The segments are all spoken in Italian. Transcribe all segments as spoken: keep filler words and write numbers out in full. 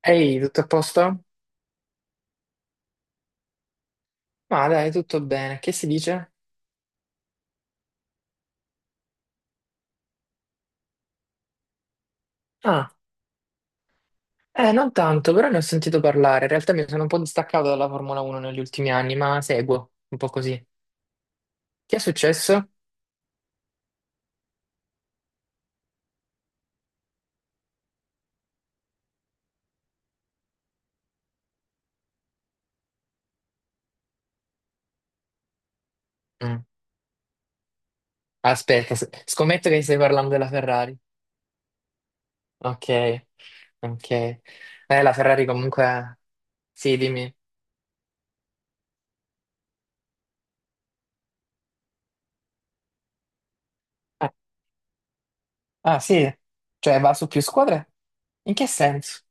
Ehi, tutto a posto? Ma dai, tutto bene. Che si dice? Ah, eh, non tanto, però ne ho sentito parlare. In realtà mi sono un po' distaccato dalla Formula uno negli ultimi anni, ma seguo un po' così. Che è successo? Mm. Aspetta, s- scommetto che stai parlando della Ferrari. Ok, ok. Eh, la Ferrari comunque... Sì, dimmi. Ah, ah, sì? Cioè va su più squadre? In che senso?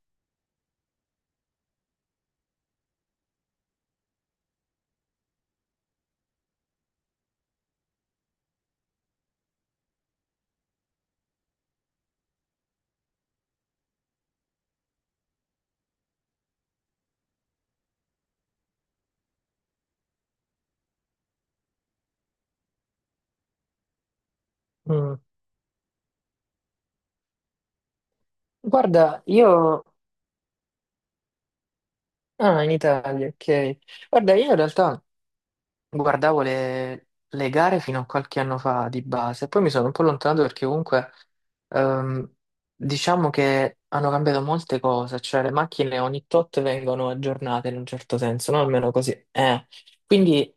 Mm. Guarda, io... Ah, in Italia, ok. Guarda, io in realtà... Guardavo le, le gare fino a qualche anno fa di base, poi mi sono un po' allontanato perché comunque ehm, diciamo che hanno cambiato molte cose, cioè le macchine ogni tot vengono aggiornate in un certo senso, no? Almeno così. Eh. Quindi.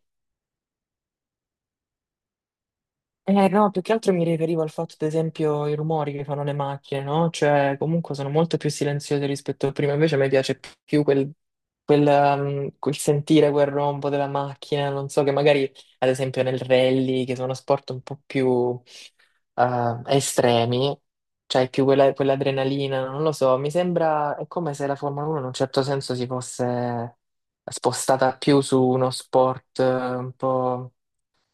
Eh no, più che altro mi riferivo al fatto, ad esempio, i rumori che fanno le macchine, no? Cioè, comunque sono molto più silenziose rispetto a prima, invece a me piace più quel, quel, um, quel sentire quel rombo della macchina, non so, che magari, ad esempio, nel rally, che sono sport un po' più eh, estremi, cioè più quella, quell'adrenalina, non lo so, mi sembra, è come se la Formula uno in un certo senso si fosse spostata più su uno sport eh, un po'...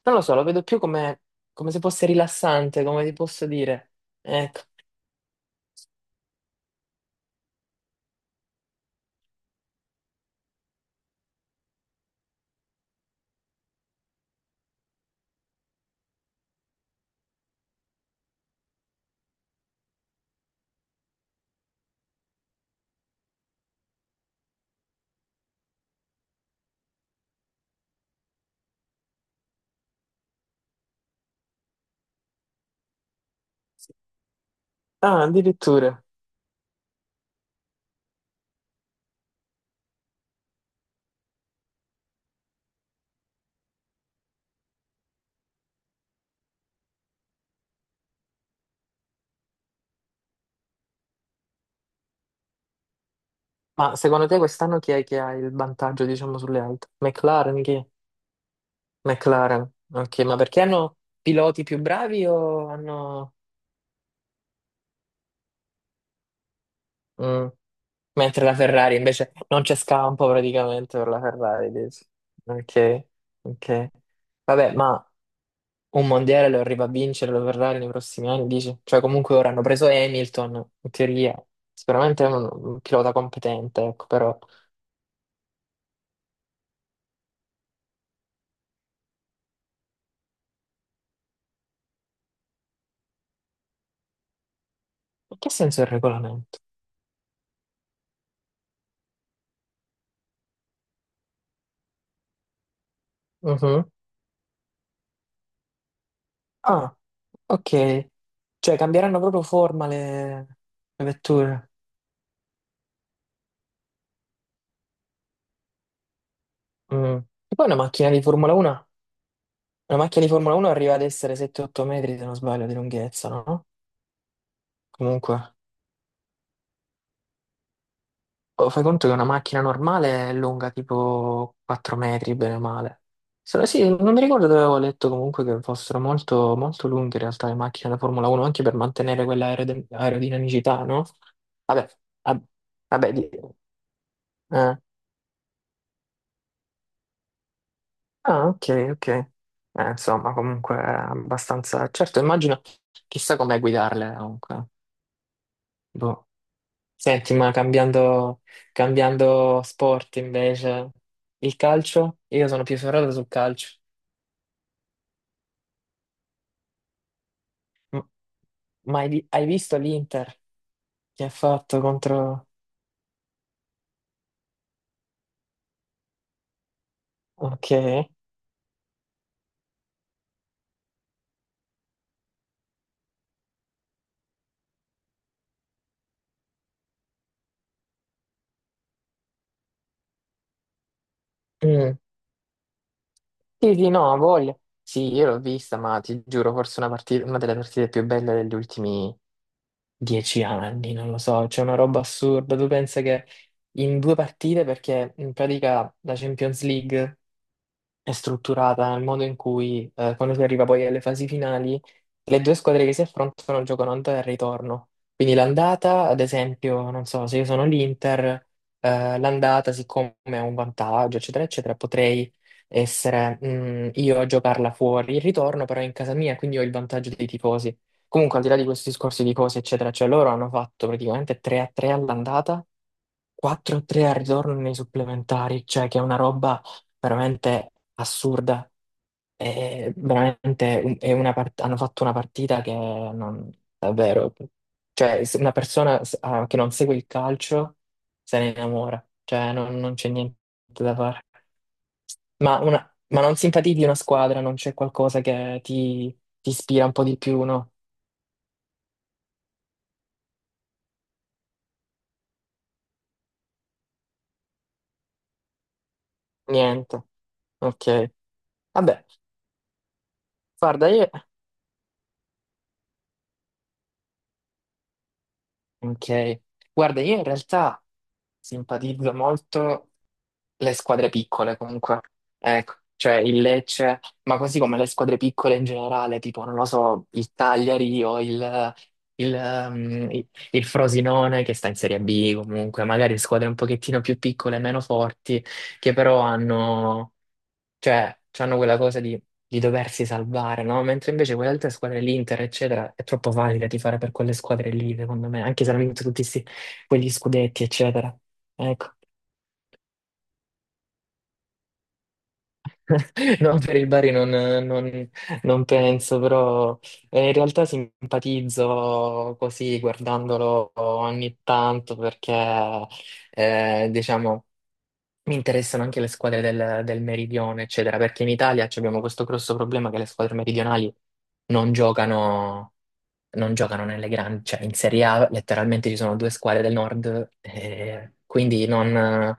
Non lo so, lo vedo più come, come se fosse rilassante, come ti posso dire. Ecco. Ah, addirittura. Ma secondo te quest'anno chi è che ha il vantaggio, diciamo, sulle altre? McLaren, chi è? McLaren. Ok, ma perché hanno piloti più bravi o hanno... Mm. Mentre la Ferrari invece non c'è scampo praticamente per la Ferrari, dici? Ok, ok. Vabbè, ma un mondiale lo arriva a vincere, lo verrà nei prossimi anni, dici? Cioè, comunque ora hanno preso Hamilton, in teoria, sicuramente è un, un pilota competente, ecco, però in che senso è il regolamento? Mhm. Ah, ok. Cioè, cambieranno proprio forma le, le vetture. Mm. E poi una macchina di Formula uno, una macchina di Formula uno arriva ad essere sette otto metri, se non sbaglio, di lunghezza, no? Comunque. Oh, fai conto che una macchina normale è lunga tipo quattro metri, bene o male. Se no- sì, non mi ricordo dove avevo letto comunque che fossero molto, molto lunghe in realtà le macchine da Formula uno, anche per mantenere quella aerode- aerodinamicità, no? Vabbè, ah, vabbè, di- eh. Ah, ok, ok. Eh, insomma, comunque è abbastanza... Certo, immagino, chissà com'è guidarle comunque. Boh. Senti, ma cambiando, cambiando sport invece, il calcio? Io sono più ferrato sul calcio. M- Ma hai, vi- hai visto l'Inter che ha fatto contro... Ok. Mm. Sì, sì, no, ha voglia. Sì, io l'ho vista, ma ti giuro, forse una, partita, una delle partite più belle degli ultimi dieci anni, non lo so, c'è una roba assurda. Tu pensi che in due partite, perché in pratica la Champions League è strutturata, il modo in cui eh, quando si arriva poi alle fasi finali, le due squadre che si affrontano giocano andata e ritorno. Quindi l'andata, ad esempio, non so, se io sono l'Inter, eh, l'andata, siccome è un vantaggio, eccetera, eccetera, potrei essere mm, io a giocarla fuori. Il ritorno però è in casa mia, quindi ho il vantaggio dei tifosi. Comunque, al di là di questo discorso di cose, eccetera, cioè loro hanno fatto praticamente tre a tre all'andata. quattro a tre al ritorno nei supplementari, cioè che è una roba veramente assurda. È veramente un- è una part- hanno fatto una partita che non, davvero, cioè se una persona s- ah, che non segue il calcio se ne innamora, cioè non, non c'è niente da fare. Ma, una- ma non simpatizzi una squadra, non c'è qualcosa che ti, ti ispira un po' di più, no? Niente. Ok. Vabbè, guarda, io... Ok. Guarda, io in realtà simpatizzo molto le squadre piccole comunque. Ecco, cioè il Lecce, ma così come le squadre piccole in generale, tipo, non lo so, il Cagliari o il, il, ehm, il- il Frosinone che sta in Serie B comunque, magari squadre un pochettino più piccole, meno forti, che però hanno, cioè, hanno quella cosa di, di doversi salvare, no? Mentre invece quelle altre squadre, l'Inter, eccetera, è troppo valida di fare per quelle squadre lì, secondo me, anche se hanno vinto tutti sti- quegli scudetti, eccetera. Ecco. No, per il Bari non, non- non penso, però eh, in realtà simpatizzo così guardandolo ogni tanto perché eh, diciamo mi interessano anche le squadre del, del meridione, eccetera, perché in Italia ci abbiamo questo grosso problema che le squadre meridionali non giocano, non giocano nelle grandi, cioè in Serie A letteralmente ci sono due squadre del nord, eh, quindi non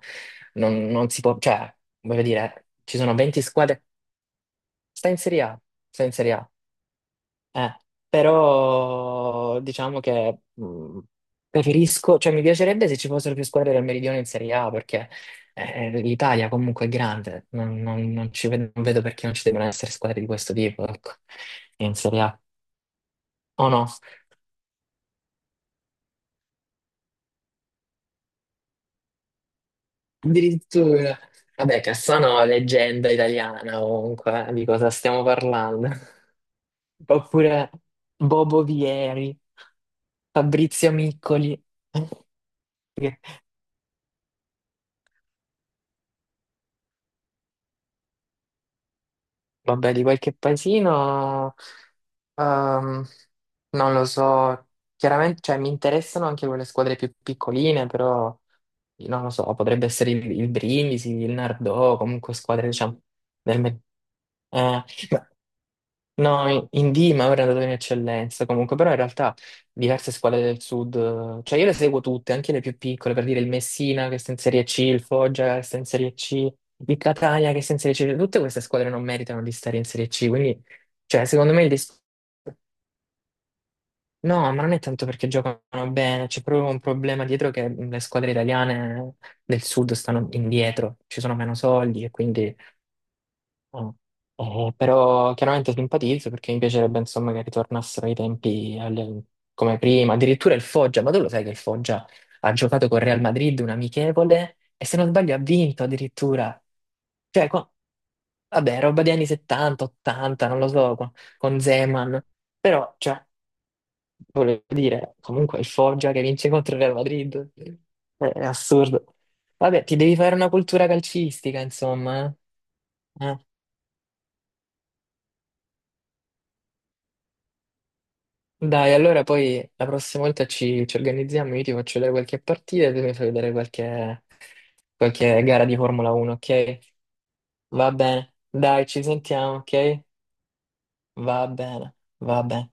non- non si può, cioè voglio dire, ci sono venti squadre. Sta in Serie A, sta in Serie A. Eh, Però diciamo che mh, preferisco, cioè mi piacerebbe se ci fossero più squadre del Meridione in Serie A perché eh, l'Italia comunque è grande, non, non- non ci ved- non vedo, perché non ci debbano essere squadre di questo tipo, ecco, in Serie A. O no? Addirittura. Vabbè, Cassano è leggenda italiana comunque, eh, di cosa stiamo parlando? Oppure Bobo Vieri, Fabrizio Miccoli. Vabbè, di qualche paesino, ehm, non lo so, chiaramente, cioè, mi interessano anche quelle squadre più piccoline, però non lo so, potrebbe essere il, il, Brindisi, il Nardò, comunque squadre, diciamo. del me- eh, No, in in D mi avrei andato in eccellenza comunque, però in realtà diverse squadre del sud, eh, cioè io le seguo tutte, anche le più piccole, per dire il Messina che sta in Serie C, il Foggia che sta in Serie C, il Catania che sta in Serie C, tutte queste squadre non meritano di stare in Serie C, quindi, cioè, secondo me il dis- no, ma non è tanto perché giocano bene, c'è proprio un problema dietro che le squadre italiane del sud stanno indietro, ci sono meno soldi e quindi. Ah. Eh, però chiaramente simpatizzo perché mi piacerebbe insomma che ritornassero i tempi alle- come prima, addirittura il Foggia, ma tu lo sai che il Foggia ha giocato con Real Madrid un amichevole e se non sbaglio ha vinto addirittura, cioè qua- vabbè roba degli anni settanta, ottanta, non lo so, con, con, Zeman, però cioè, volevo dire comunque il Foggia che vince contro il Real Madrid, è, è assurdo. Vabbè, ti devi fare una cultura calcistica insomma, eh? Eh. Dai, allora poi la prossima volta ci, ci organizziamo, io ti faccio vedere qualche partita e tu mi fai vedere qualche, qualche gara di Formula uno, ok? Va bene, dai, ci sentiamo, ok? Va bene, va bene.